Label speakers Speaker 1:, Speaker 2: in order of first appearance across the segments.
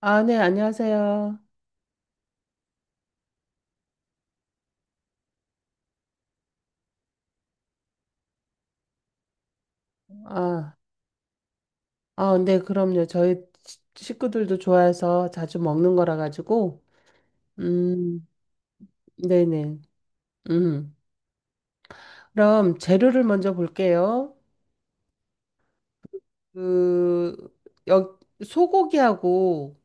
Speaker 1: 아, 네, 안녕하세요. 아, 네, 그럼요. 저희 식구들도 좋아해서 자주 먹는 거라 가지고, 음, 네네. 음. 그럼 재료를 먼저 볼게요. 그, 소고기하고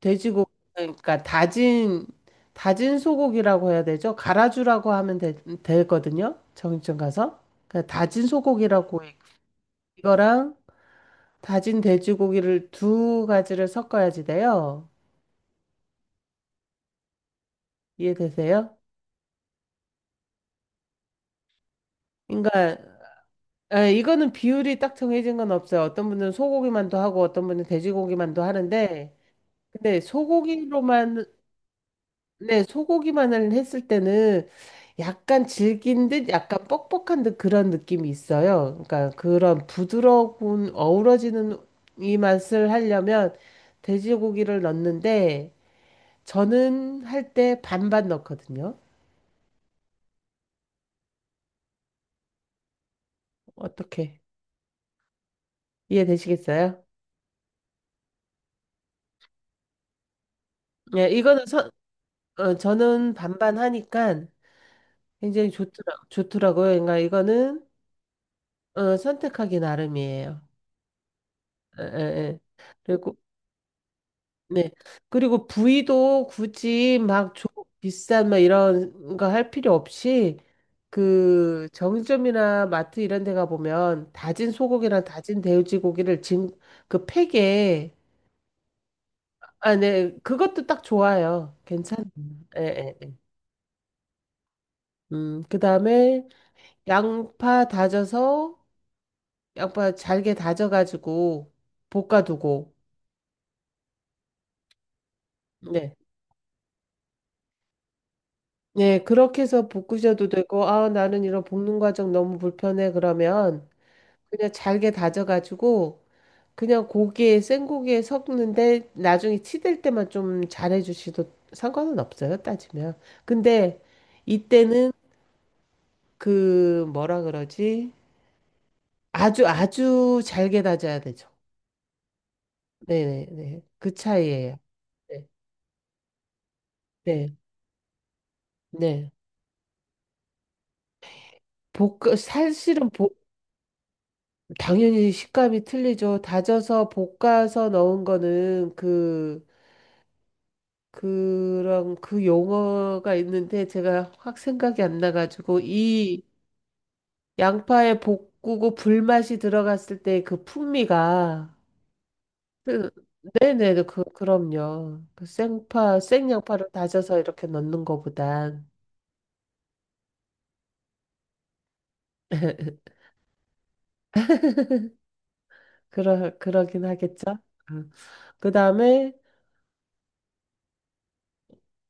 Speaker 1: 돼지고기, 그러니까 다진 소고기라고 해야 되죠? 갈아주라고 하면 되거든요. 정육점 가서. 그러니까 다진 소고기라고, 이거랑 다진 돼지고기를 두 가지를 섞어야지 돼요. 이해되세요? 그러니까 아, 이거는 비율이 딱 정해진 건 없어요. 어떤 분은 소고기만도 하고 어떤 분은 돼지고기만도 하는데 근데 소고기로만. 네, 소고기만을 했을 때는 약간 질긴 듯 약간 뻑뻑한 듯 그런 느낌이 있어요. 그러니까 그런 부드러운 어우러지는 이 맛을 하려면 돼지고기를 넣는데 저는 할 때 반반 넣거든요. 어떻게 이해되시겠어요? 네, 이거는 선. 저는 반반 하니까 굉장히 좋더라고요. 그러니까 이거는 선택하기 나름이에요. 에, 에, 에. 그리고. 네. 그리고 부위도 굳이 막 비싼 막 이런 거 할 필요 없이 그 정육점이나 마트 이런 데가 보면 다진 소고기랑 다진 돼지 고기를 진 그 팩에. 아, 네. 그것도 딱 좋아요. 괜찮아요. 에, 에, 에. 그다음에 양파 다져서 양파 잘게 다져가지고 볶아두고. 네. 네, 그렇게 해서 볶으셔도 되고, 아, 나는 이런 볶는 과정 너무 불편해. 그러면 그냥 잘게 다져가지고, 그냥 생고기에 섞는데, 나중에 치댈 때만 좀 잘해주셔도 상관은 없어요, 따지면. 근데 이때는 뭐라 그러지? 아주, 아주 잘게 다져야 되죠. 네네네. 그 차이예요. 네. 네. 네. 볶, 사실은 볶, 당연히 식감이 틀리죠. 다져서 볶아서 넣은 거는 그런 그 용어가 있는데 제가 확 생각이 안 나가지고 이 양파에 볶고 불맛이 들어갔을 때 그 풍미가. 그- 네네, 그럼요. 그 생양파를 다져서 이렇게 넣는 거보단. 그러긴 하겠죠. 음. 그 다음에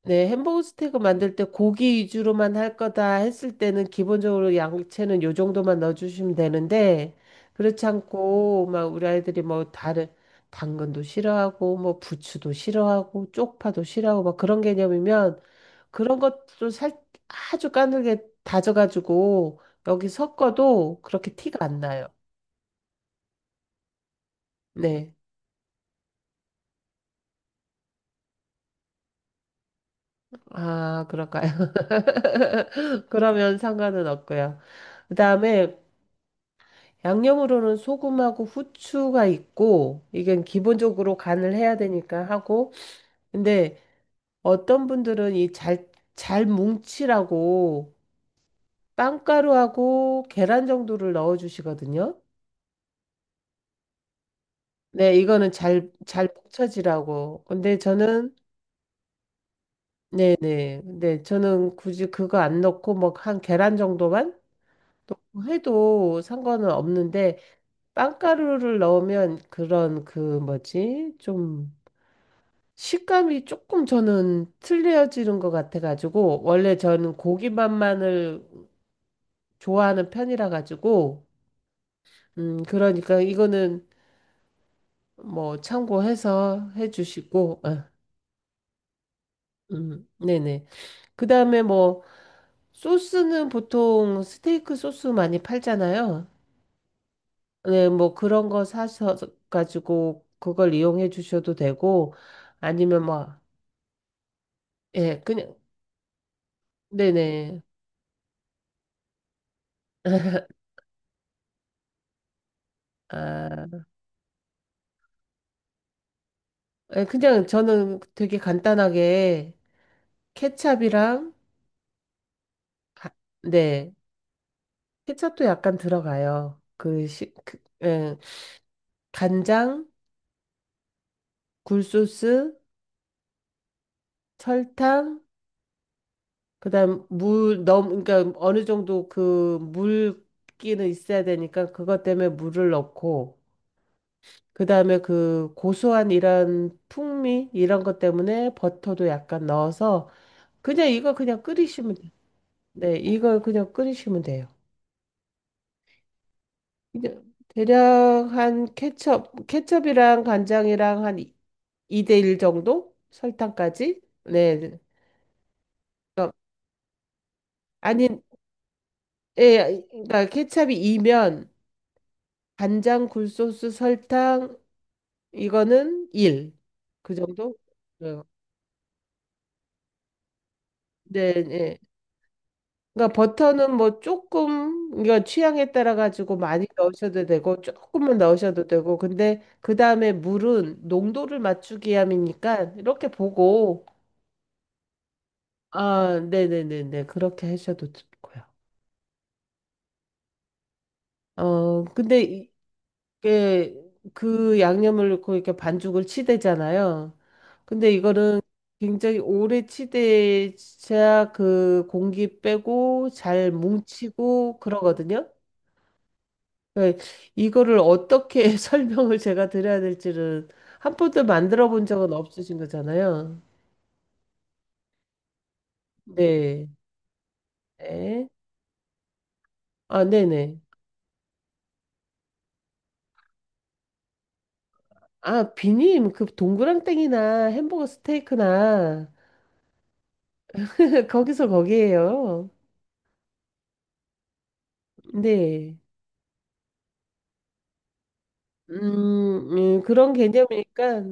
Speaker 1: 네, 햄버거 스테이크 만들 때 고기 위주로만 할 거다 했을 때는 기본적으로 양채는 요 정도만 넣어주시면 되는데, 그렇지 않고, 막 우리 아이들이 뭐 다른, 당근도 싫어하고, 뭐 부추도 싫어하고, 쪽파도 싫어하고, 막 그런 개념이면 그런 것도 아주 까늘게 다져가지고 여기 섞어도 그렇게 티가 안 나요. 네. 아, 그럴까요? 그러면 상관은 없고요. 그다음에 양념으로는 소금하고 후추가 있고, 이건 기본적으로 간을 해야 되니까 하고, 근데 어떤 분들은 이 잘 뭉치라고 빵가루하고 계란 정도를 넣어 주시거든요. 네, 이거는 잘 뭉쳐지라고. 근데 저는. 네네. 근데 저는 굳이 그거 안 넣고 뭐 한 계란 정도만 넣고 해도 상관은 없는데, 빵가루를 넣으면 그런 그 뭐지? 좀 식감이 조금 저는 틀려지는 것 같아가지고, 원래 저는 고기 맛만을 좋아하는 편이라 가지고, 그러니까 이거는 뭐 참고해서 해주시고, 아, 네네. 그 다음에 뭐, 소스는 보통 스테이크 소스 많이 팔잖아요. 네, 뭐 그런 거 사서 가지고 그걸 이용해 주셔도 되고, 아니면 뭐, 예, 그냥, 네네. 아. 예, 그냥 저는 되게 간단하게 케찹이랑 가- 네, 케찹도 약간 들어가요. 그, 시, 그 예, 간장, 굴소스, 설탕, 그다음 물 너무 그러니까 어느 정도 그 물기는 있어야 되니까 그것 때문에 물을 넣고 그다음에 그 고소한 이런 풍미 이런 것 때문에 버터도 약간 넣어서 그냥 이거 그냥 끓이시면 돼. 네, 이걸 그냥 끓이시면 돼요. 이제 대략 한 케첩이랑 간장이랑 한 2대 1 정도? 설탕까지? 네. 네. 그러니까 아니, 예, 그러니까 케첩이 2면 간장, 굴소스, 설탕 이거는 1. 그 정도? 네, 네. 네. 그러니까 버터는 뭐 조금 이거 취향에 따라 가지고 많이 넣으셔도 되고 조금만 넣으셔도 되고 근데 그 다음에 물은 농도를 맞추기 위함이니까 이렇게 보고. 아, 네네네네. 그렇게 하셔도 좋고요. 근데 이게 그 양념을 넣고 이렇게 반죽을 치대잖아요. 근데 이거는 굉장히 오래 치대야 그 공기 빼고 잘 뭉치고 그러거든요. 네, 이거를 어떻게 설명을 제가 드려야 될지는. 한 번도 만들어 본 적은 없으신 거잖아요. 네. 네. 아, 네네. 아, 비님, 그 동그랑땡이나 햄버거 스테이크나 거기서 거기에요. 네. 음, 그런 개념이니까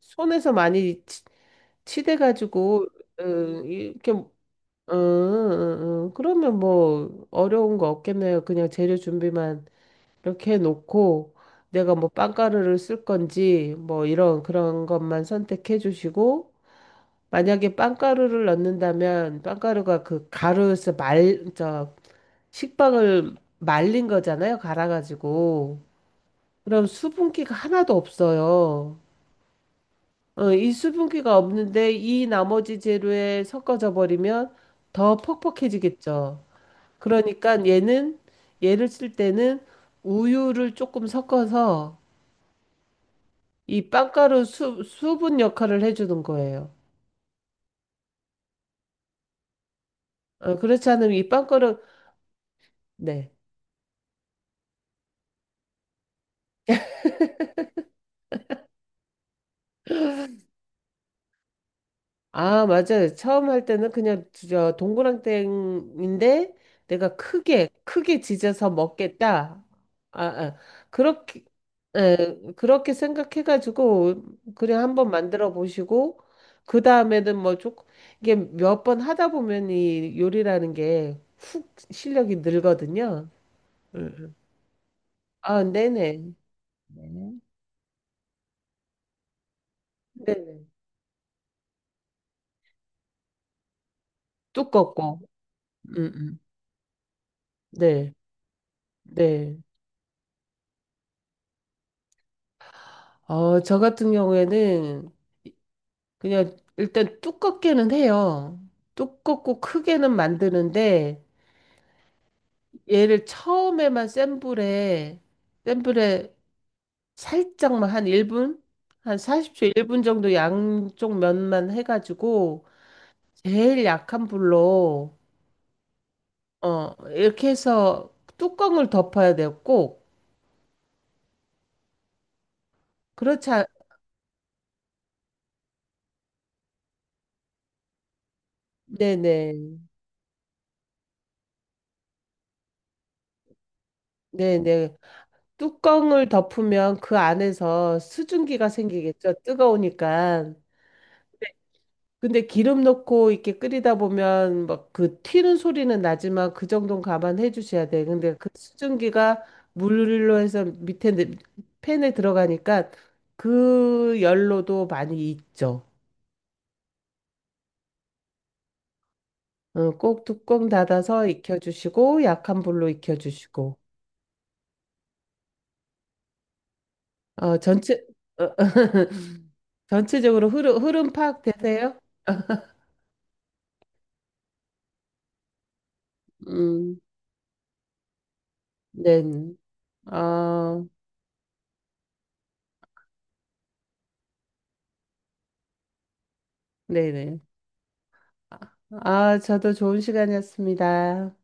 Speaker 1: 손에서 많이 치대가지고. 어, 이렇게 그러면 뭐 어려운 거 없겠네요. 그냥 재료 준비만 이렇게 해놓고 내가 뭐 빵가루를 쓸 건지 뭐 이런 그런 것만 선택해 주시고 만약에 빵가루를 넣는다면 빵가루가 그 가루에서 저 식빵을 말린 거잖아요. 갈아가지고. 그럼 수분기가 하나도 없어요. 이 수분기가 없는데 이 나머지 재료에 섞어져 버리면 더 퍽퍽해지겠죠. 그러니까 얘는 얘를 쓸 때는 우유를 조금 섞어서 이 빵가루 수분 역할을 해주는 거예요. 그렇지 않으면 이 빵가루. 네. 아, 맞아요. 처음 할 때는 그냥 저 동그랑땡인데 내가 크게 크게 지져서 먹겠다. 아, 아, 그렇게. 그렇게 생각해가지고 그냥 한번 만들어 보시고 그 다음에는 뭐 조금 이게 몇 번 하다 보면 이 요리라는 게 훅 실력이 늘거든요. 음, 음. 아, 네네. 네. 네네. 두껍고. 음, 음. 네. 네. 저 같은 경우에는 그냥 일단 두껍게는 해요. 두껍고 크게는 만드는데 얘를 처음에만 센 불에 살짝만 한 1분? 한 40초 1분 정도 양쪽 면만 해가지고 제일 약한 불로 이렇게 해서 뚜껑을 덮어야 돼요, 꼭. 그렇지 않. 네네. 네네. 뚜껑을 덮으면 그 안에서 수증기가 생기겠죠, 뜨거우니까. 근데 기름 넣고 이렇게 끓이다 보면 막 그 튀는 소리는 나지만 그 정도는 감안해 주셔야 돼. 근데 그 수증기가 물로 해서 밑에 팬에 들어가니까 그 열로도 많이 익죠. 어, 꼭 뚜껑 닫아서 익혀주시고 약한 불로 익혀주시고. 어, 전체. 어, 어, 전체적으로 흐름 파악되세요? 음, 네, 어, 네, 네. 아, 네네. 아, 저도 좋은 시간이었습니다.